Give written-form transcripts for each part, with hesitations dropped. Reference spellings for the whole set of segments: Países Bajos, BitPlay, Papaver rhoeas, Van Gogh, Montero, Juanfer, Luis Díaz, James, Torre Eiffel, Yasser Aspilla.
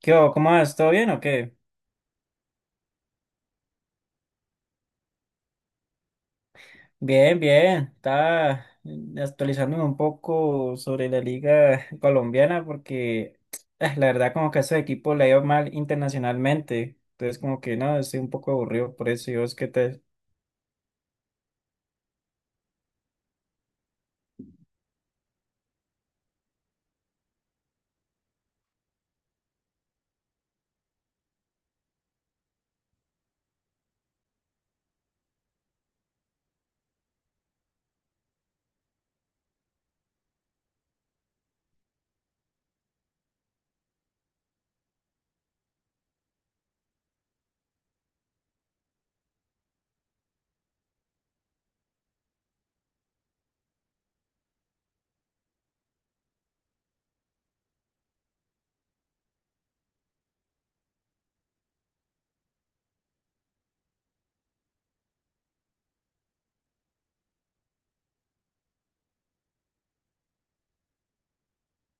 ¿Qué hubo? ¿Cómo vas? ¿Todo bien o qué? Bien, bien. Estaba actualizándome un poco sobre la liga colombiana porque ah, la verdad como que a ese equipo le ha ido mal internacionalmente. Entonces como que no, estoy un poco aburrido por eso. ¿Y vos qué tal?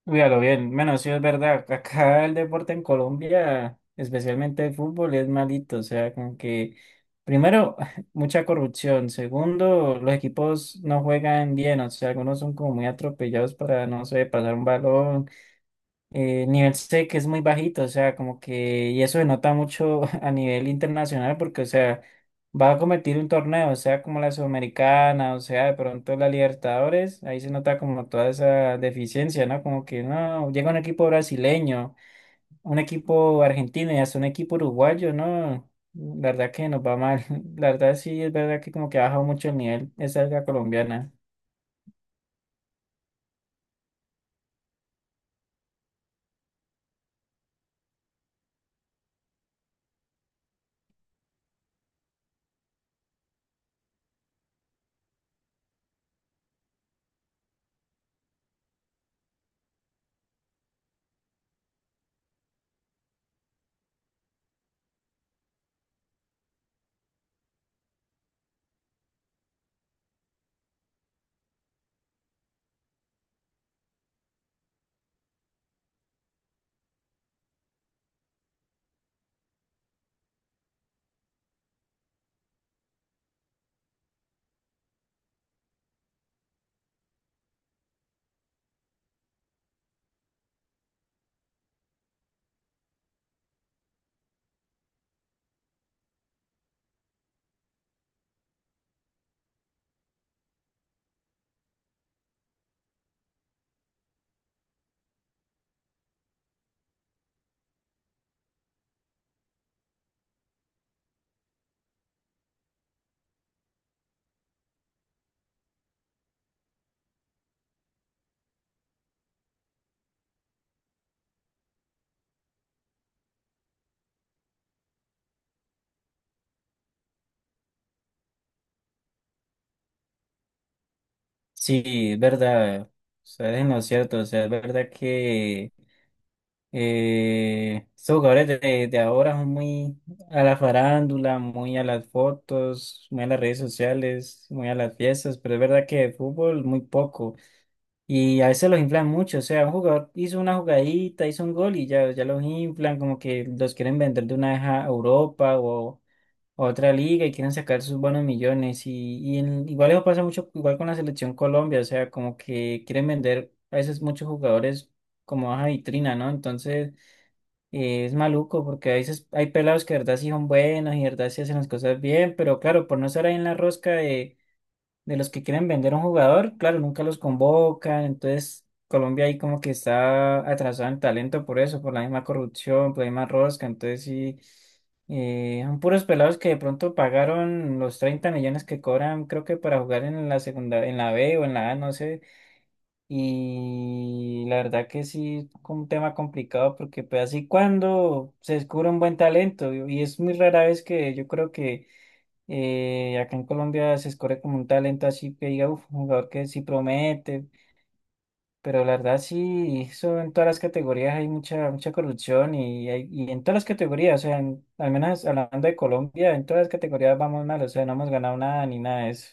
Cuídalo bien. Bueno, sí es verdad. Acá el deporte en Colombia, especialmente el fútbol, es malito. O sea, como que, primero, mucha corrupción. Segundo, los equipos no juegan bien. O sea, algunos son como muy atropellados para, no sé, pasar un balón nivel C que es muy bajito, o sea, como que, y eso se nota mucho a nivel internacional porque, o sea, va a competir un torneo, o sea, como la Sudamericana, o sea, de pronto la Libertadores, ahí se nota como toda esa deficiencia, ¿no? Como que, no, llega un equipo brasileño, un equipo argentino y hasta un equipo uruguayo, ¿no? La verdad que nos va mal, la verdad sí, es verdad que como que ha bajado mucho el nivel esa liga colombiana. Sí, es verdad, o sea, es en lo cierto, o sea, es verdad que estos jugadores de ahora son muy a la farándula, muy a las fotos, muy a las redes sociales, muy a las fiestas, pero es verdad que de fútbol muy poco. Y a veces los inflan mucho, o sea, un jugador hizo una jugadita, hizo un gol y ya, ya los inflan, como que los quieren vender de una vez a Europa o a otra liga y quieren sacar sus buenos millones. Igual eso pasa mucho, igual con la selección Colombia, o sea, como que quieren vender a veces muchos jugadores como baja vitrina, ¿no? Entonces... Y es maluco porque a veces hay pelados que de verdad sí son buenos y de verdad sí hacen las cosas bien, pero claro, por no estar ahí en la rosca de los que quieren vender a un jugador, claro, nunca los convocan. Entonces, Colombia ahí como que está atrasado en talento por eso, por la misma corrupción, por la misma rosca. Entonces, sí, son puros pelados que de pronto pagaron los 30 millones que cobran, creo que para jugar en la segunda, en la B o en la A, no sé. Y la verdad que sí, es un tema complicado porque pues así cuando se descubre un buen talento y es muy rara vez que yo creo que acá en Colombia se escoge como un talento así que diga, "Uf, un jugador que sí promete, pero la verdad sí, eso en todas las categorías hay mucha, mucha corrupción y en todas las categorías, o sea, al menos hablando de Colombia, en todas las categorías vamos mal, o sea, no hemos ganado nada ni nada de eso.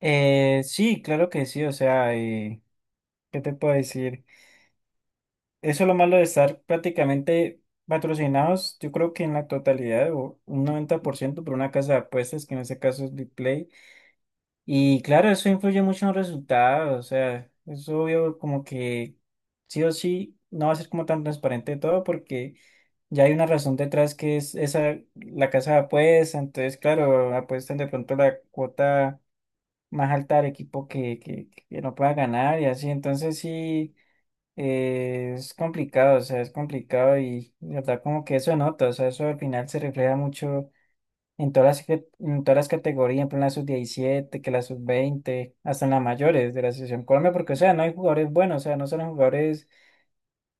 Sí, claro que sí, o sea, ¿qué te puedo decir? Eso es lo malo de estar prácticamente patrocinados, yo creo que en la totalidad o un 90% por una casa de apuestas, que en este caso es BitPlay. Y claro, eso influye mucho en los resultados, o sea, es obvio como que sí o sí no va a ser como tan transparente todo porque ya hay una razón detrás que es esa, la casa de apuestas, entonces claro, apuestan de pronto la cuota más alta al equipo que no pueda ganar y así, entonces sí. Es complicado, o sea, es complicado y la verdad como que eso nota, o sea, eso al final se refleja mucho en todas en todas las categorías, por ejemplo, en plan la sub-17 que la sub-20 hasta en las mayores de la selección Colombia, porque o sea, no hay jugadores buenos, o sea, no son los jugadores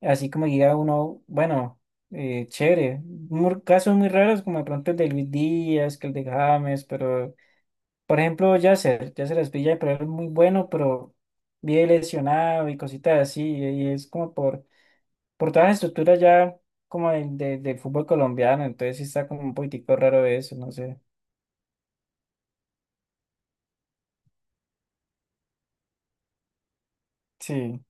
así como diga uno, bueno, chévere, casos muy raros como de pronto el de Luis Díaz, que el de James, pero por ejemplo Yasser Aspilla, pero es muy bueno, pero vive lesionado y cositas así, y es como por toda la estructura ya como del fútbol colombiano, entonces sí está como un poquitico raro eso, no sé. Sí,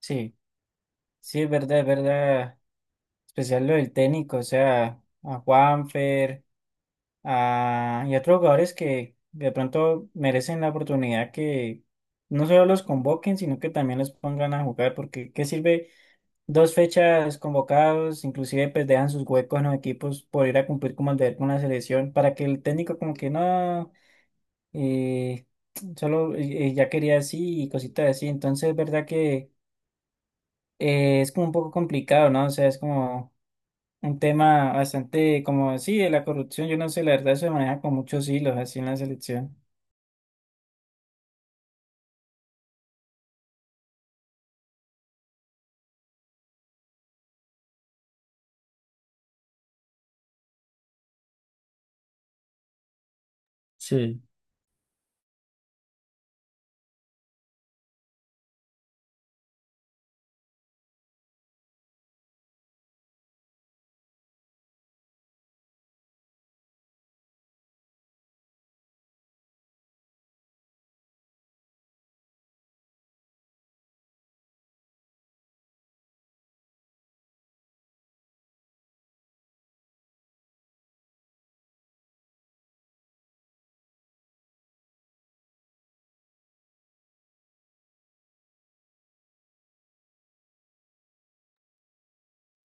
sí, sí, es verdad, es verdad. Especial lo del técnico, o sea, a Juanfer, y a otros jugadores que de pronto merecen la oportunidad que no solo los convoquen, sino que también los pongan a jugar, porque ¿qué sirve dos fechas convocados? Inclusive pues dejan sus huecos en los equipos por ir a cumplir como el deber con la selección, para que el técnico como que no. eh, solo ya quería así y cositas así. Entonces es verdad que es como un poco complicado, ¿no? O sea, es como un tema bastante como, sí, de la corrupción, yo no sé, la verdad se maneja con muchos hilos así en la selección. Sí,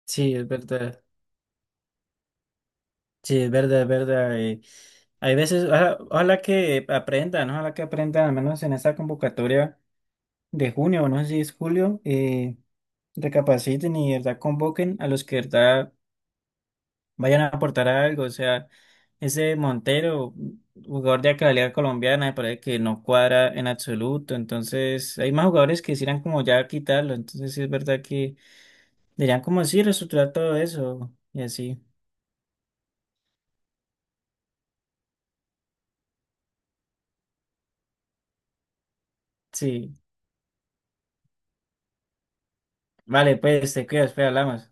sí, es verdad. Sí, es verdad, es verdad. Hay veces, ojalá, ojalá que aprendan, ¿no? Ojalá que aprendan, al menos en esta convocatoria de junio, o no sé si es julio, recapaciten y de verdad convoquen a los que de verdad vayan a aportar algo. O sea, ese Montero, jugador de acá de la liga colombiana, me parece que no cuadra en absoluto. Entonces, hay más jugadores que quisieran como ya quitarlo. Entonces, sí es verdad que deberían como sí reestructurar todo eso y así. Sí, vale, pues te cuidas, espera, hablamos.